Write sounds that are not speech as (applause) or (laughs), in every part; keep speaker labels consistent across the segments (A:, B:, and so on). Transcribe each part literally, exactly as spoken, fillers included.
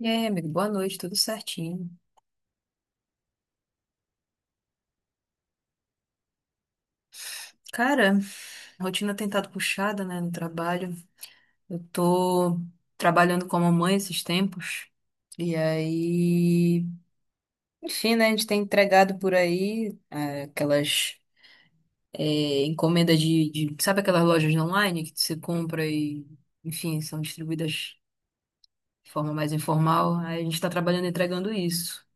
A: E aí, amigo, boa noite, tudo certinho. Cara, rotina tem estado puxada, né, no trabalho. Eu tô trabalhando como mãe esses tempos. E aí, enfim, né, a gente tem entregado por aí é, aquelas é, encomendas de, de- Sabe aquelas lojas online que você compra e, enfim, são distribuídas de forma mais informal. Aí a gente tá trabalhando entregando isso.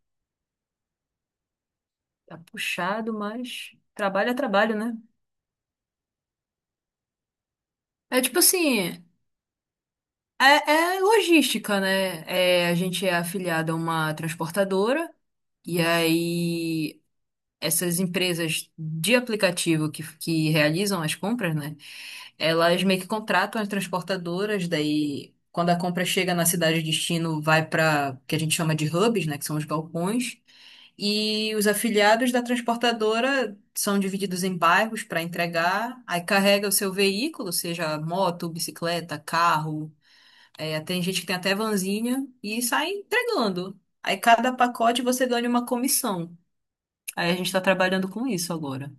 A: Tá puxado, mas trabalho é trabalho, né? É tipo assim. É, é logística, né? É, a gente é afiliado a uma transportadora, e aí essas empresas de aplicativo que, que realizam as compras, né? Elas meio que contratam as transportadoras, daí quando a compra chega na cidade de destino, vai para que a gente chama de hubs, né? Que são os balcões, e os afiliados da transportadora são divididos em bairros para entregar, aí carrega o seu veículo, seja moto, bicicleta, carro é, tem gente que tem até vanzinha e sai entregando. Aí cada pacote você ganha uma comissão. Aí a gente tá trabalhando com isso agora.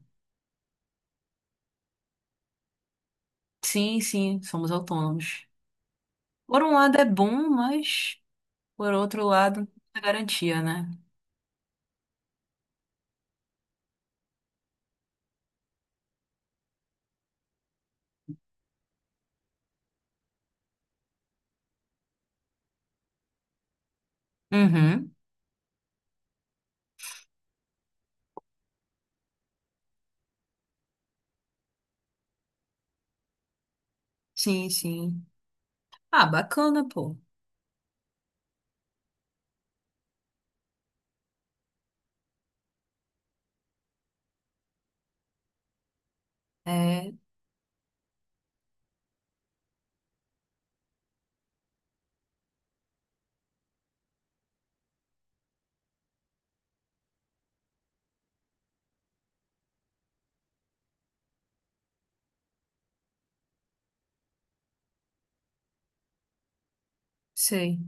A: Sim, sim, somos autônomos. Por um lado é bom, mas por outro lado, é garantia, né? Uhum. Sim, sim. Ah, bacana, pô. É, sei.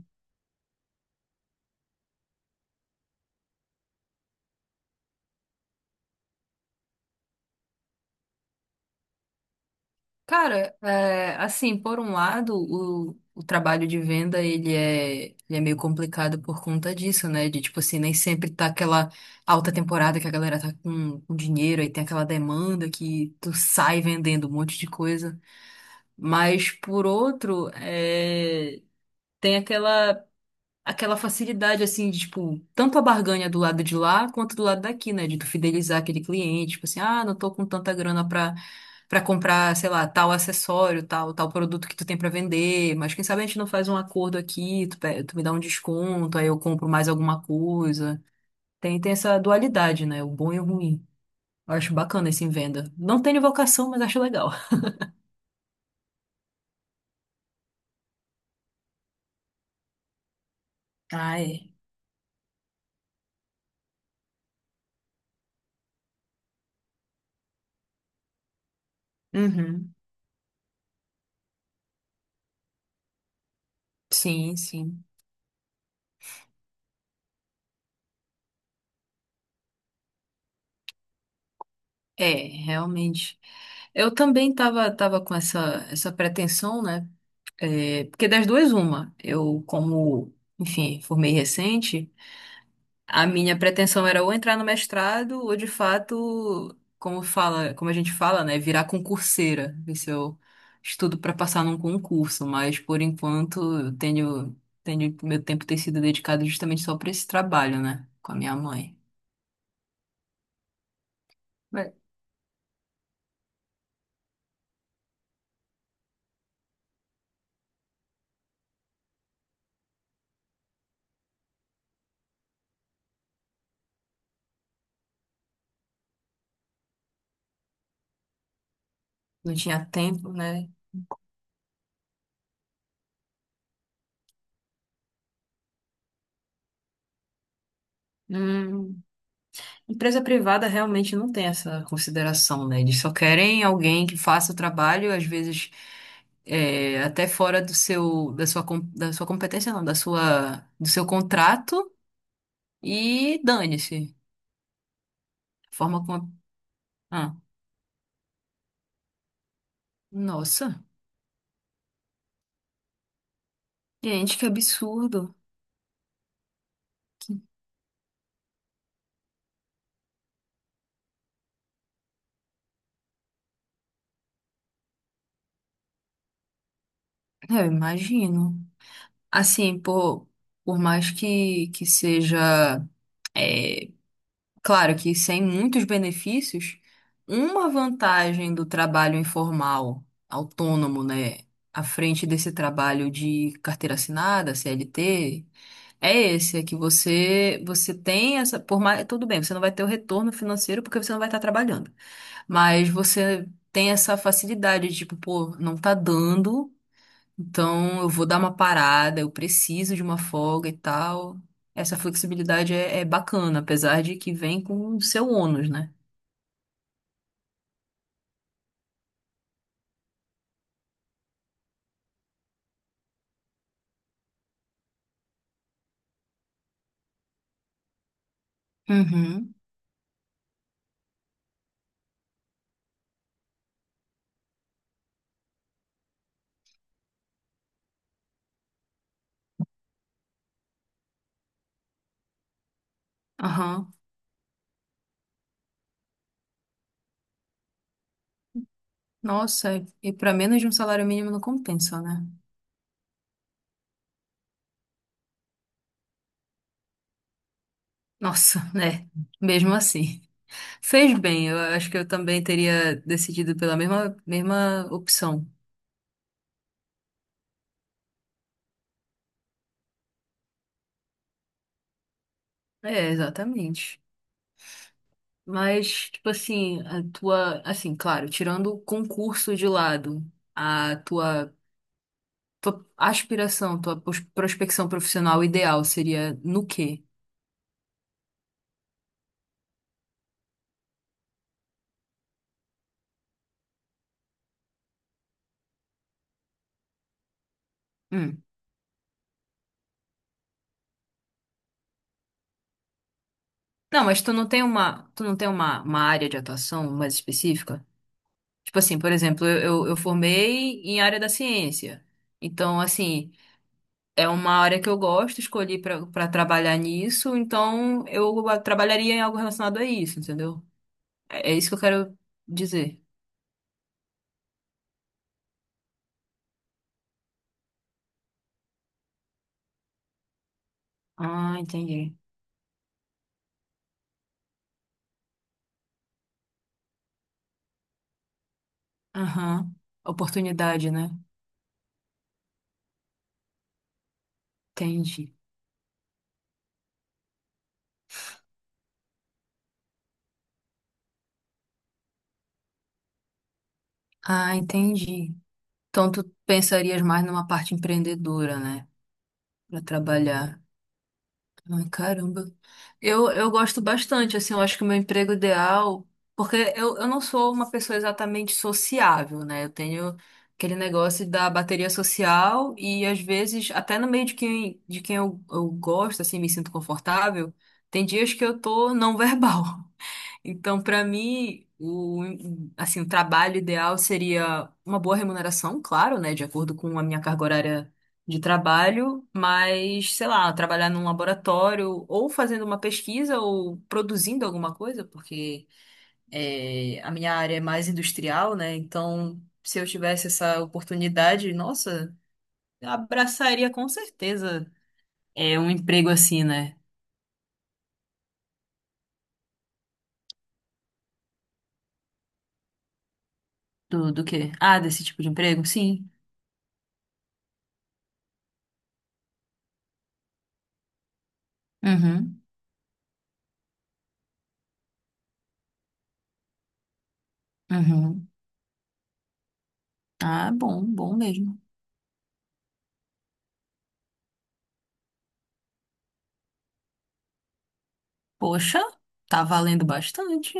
A: Cara, é, assim, por um lado, o, o trabalho de venda, ele é, ele é meio complicado por conta disso, né? De, tipo assim, nem sempre tá aquela alta temporada que a galera tá com, com dinheiro, aí tem aquela demanda que tu sai vendendo um monte de coisa. Mas, por outro, é, tem aquela, aquela facilidade, assim, de, tipo, tanto a barganha do lado de lá, quanto do lado daqui, né? De tu fidelizar aquele cliente, tipo assim, ah, não tô com tanta grana pra pra comprar, sei lá, tal acessório, tal, tal produto que tu tem pra vender, mas quem sabe a gente não faz um acordo aqui, tu, pe- tu me dá um desconto, aí eu compro mais alguma coisa. Tem, tem essa dualidade, né? O bom e o ruim. Eu acho bacana esse em venda. Não tenho vocação, mas acho legal. Ah, é. Uhum. Sim, sim. É, realmente. Eu também tava, tava com essa, essa pretensão, né? É, porque das duas, uma. Eu, como, enfim, formei recente. A minha pretensão era ou entrar no mestrado, ou de fato, como fala, como a gente fala, né, virar concurseira, ver se eu estudo para passar num concurso, mas por enquanto eu tenho, tenho, meu tempo tem sido dedicado justamente só para esse trabalho, né, com a minha mãe. Mas não tinha tempo, né? Hum. Empresa privada realmente não tem essa consideração, né? Eles só querem alguém que faça o trabalho, às vezes é, até fora do seu, da sua, com- da sua competência, não, da sua, do seu contrato e dane-se. A forma como. Ah, nossa, gente, que absurdo. É, eu imagino. Assim, por, por mais que, que seja. é, Claro que sem muitos benefícios, uma vantagem do trabalho informal, autônomo, né, à frente desse trabalho de carteira assinada, C L T, é esse, é que você você tem essa, por mais, tudo bem, você não vai ter o retorno financeiro porque você não vai estar trabalhando, mas você tem essa facilidade de, tipo, pô, não tá dando então, eu vou dar uma parada, eu preciso de uma folga e tal. Essa flexibilidade é, é bacana, apesar de que vem com o seu ônus, né? Uhum. Aham. Nossa, e para menos de um salário mínimo não compensa, né? Nossa, (laughs) né? Mesmo assim. Fez bem, eu acho que eu também teria decidido pela mesma, mesma opção. É, exatamente. Mas, tipo assim, a tua, assim, claro, tirando o concurso de lado, a tua tua aspiração, tua pos- prospecção profissional ideal seria no quê? Hum. Não, mas tu não tem uma, tu não tem uma, uma área de atuação mais específica? Tipo assim, por exemplo, eu, eu eu formei em área da ciência. Então, assim, é uma área que eu gosto, escolhi pra para trabalhar nisso, então eu trabalharia em algo relacionado a isso, entendeu? É, é isso que eu quero dizer. Ah, entendi. Aham. Oportunidade, né? Entendi. Ah, entendi. Então, tu pensarias mais numa parte empreendedora, né? Pra trabalhar. Ai, caramba. Eu, eu gosto bastante, assim, eu acho que o meu emprego ideal. Porque eu, eu não sou uma pessoa exatamente sociável, né? Eu tenho aquele negócio da bateria social e, às vezes, até no meio de quem, de quem eu, eu gosto, assim, me sinto confortável, tem dias que eu tô não (laughs) verbal. Então, para mim, o, assim, o trabalho ideal seria uma boa remuneração, claro, né, de acordo com a minha carga horária de trabalho, mas, sei lá, trabalhar num laboratório ou fazendo uma pesquisa ou produzindo alguma coisa, porque é, a minha área é mais industrial, né? Então, se eu tivesse essa oportunidade, nossa, eu abraçaria com certeza é um emprego assim, né? Do, do quê? Ah, desse tipo de emprego? Sim. Uhum. Uhum. Ah, bom, bom mesmo. Poxa, tá valendo bastante.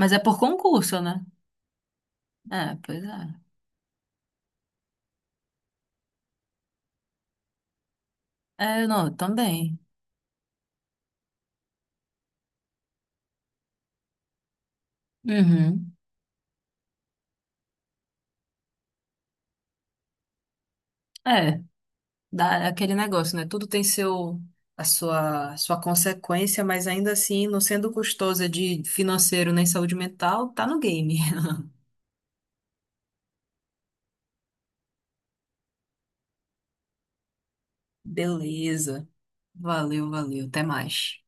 A: Mas é por concurso, né? É, pois é. É, não, também. Uhum. É, dá é aquele negócio, né? Tudo tem seu, a sua, sua consequência, mas ainda assim, não sendo custosa de financeiro nem saúde mental, tá no game. (laughs) Beleza. Valeu, valeu. Até mais.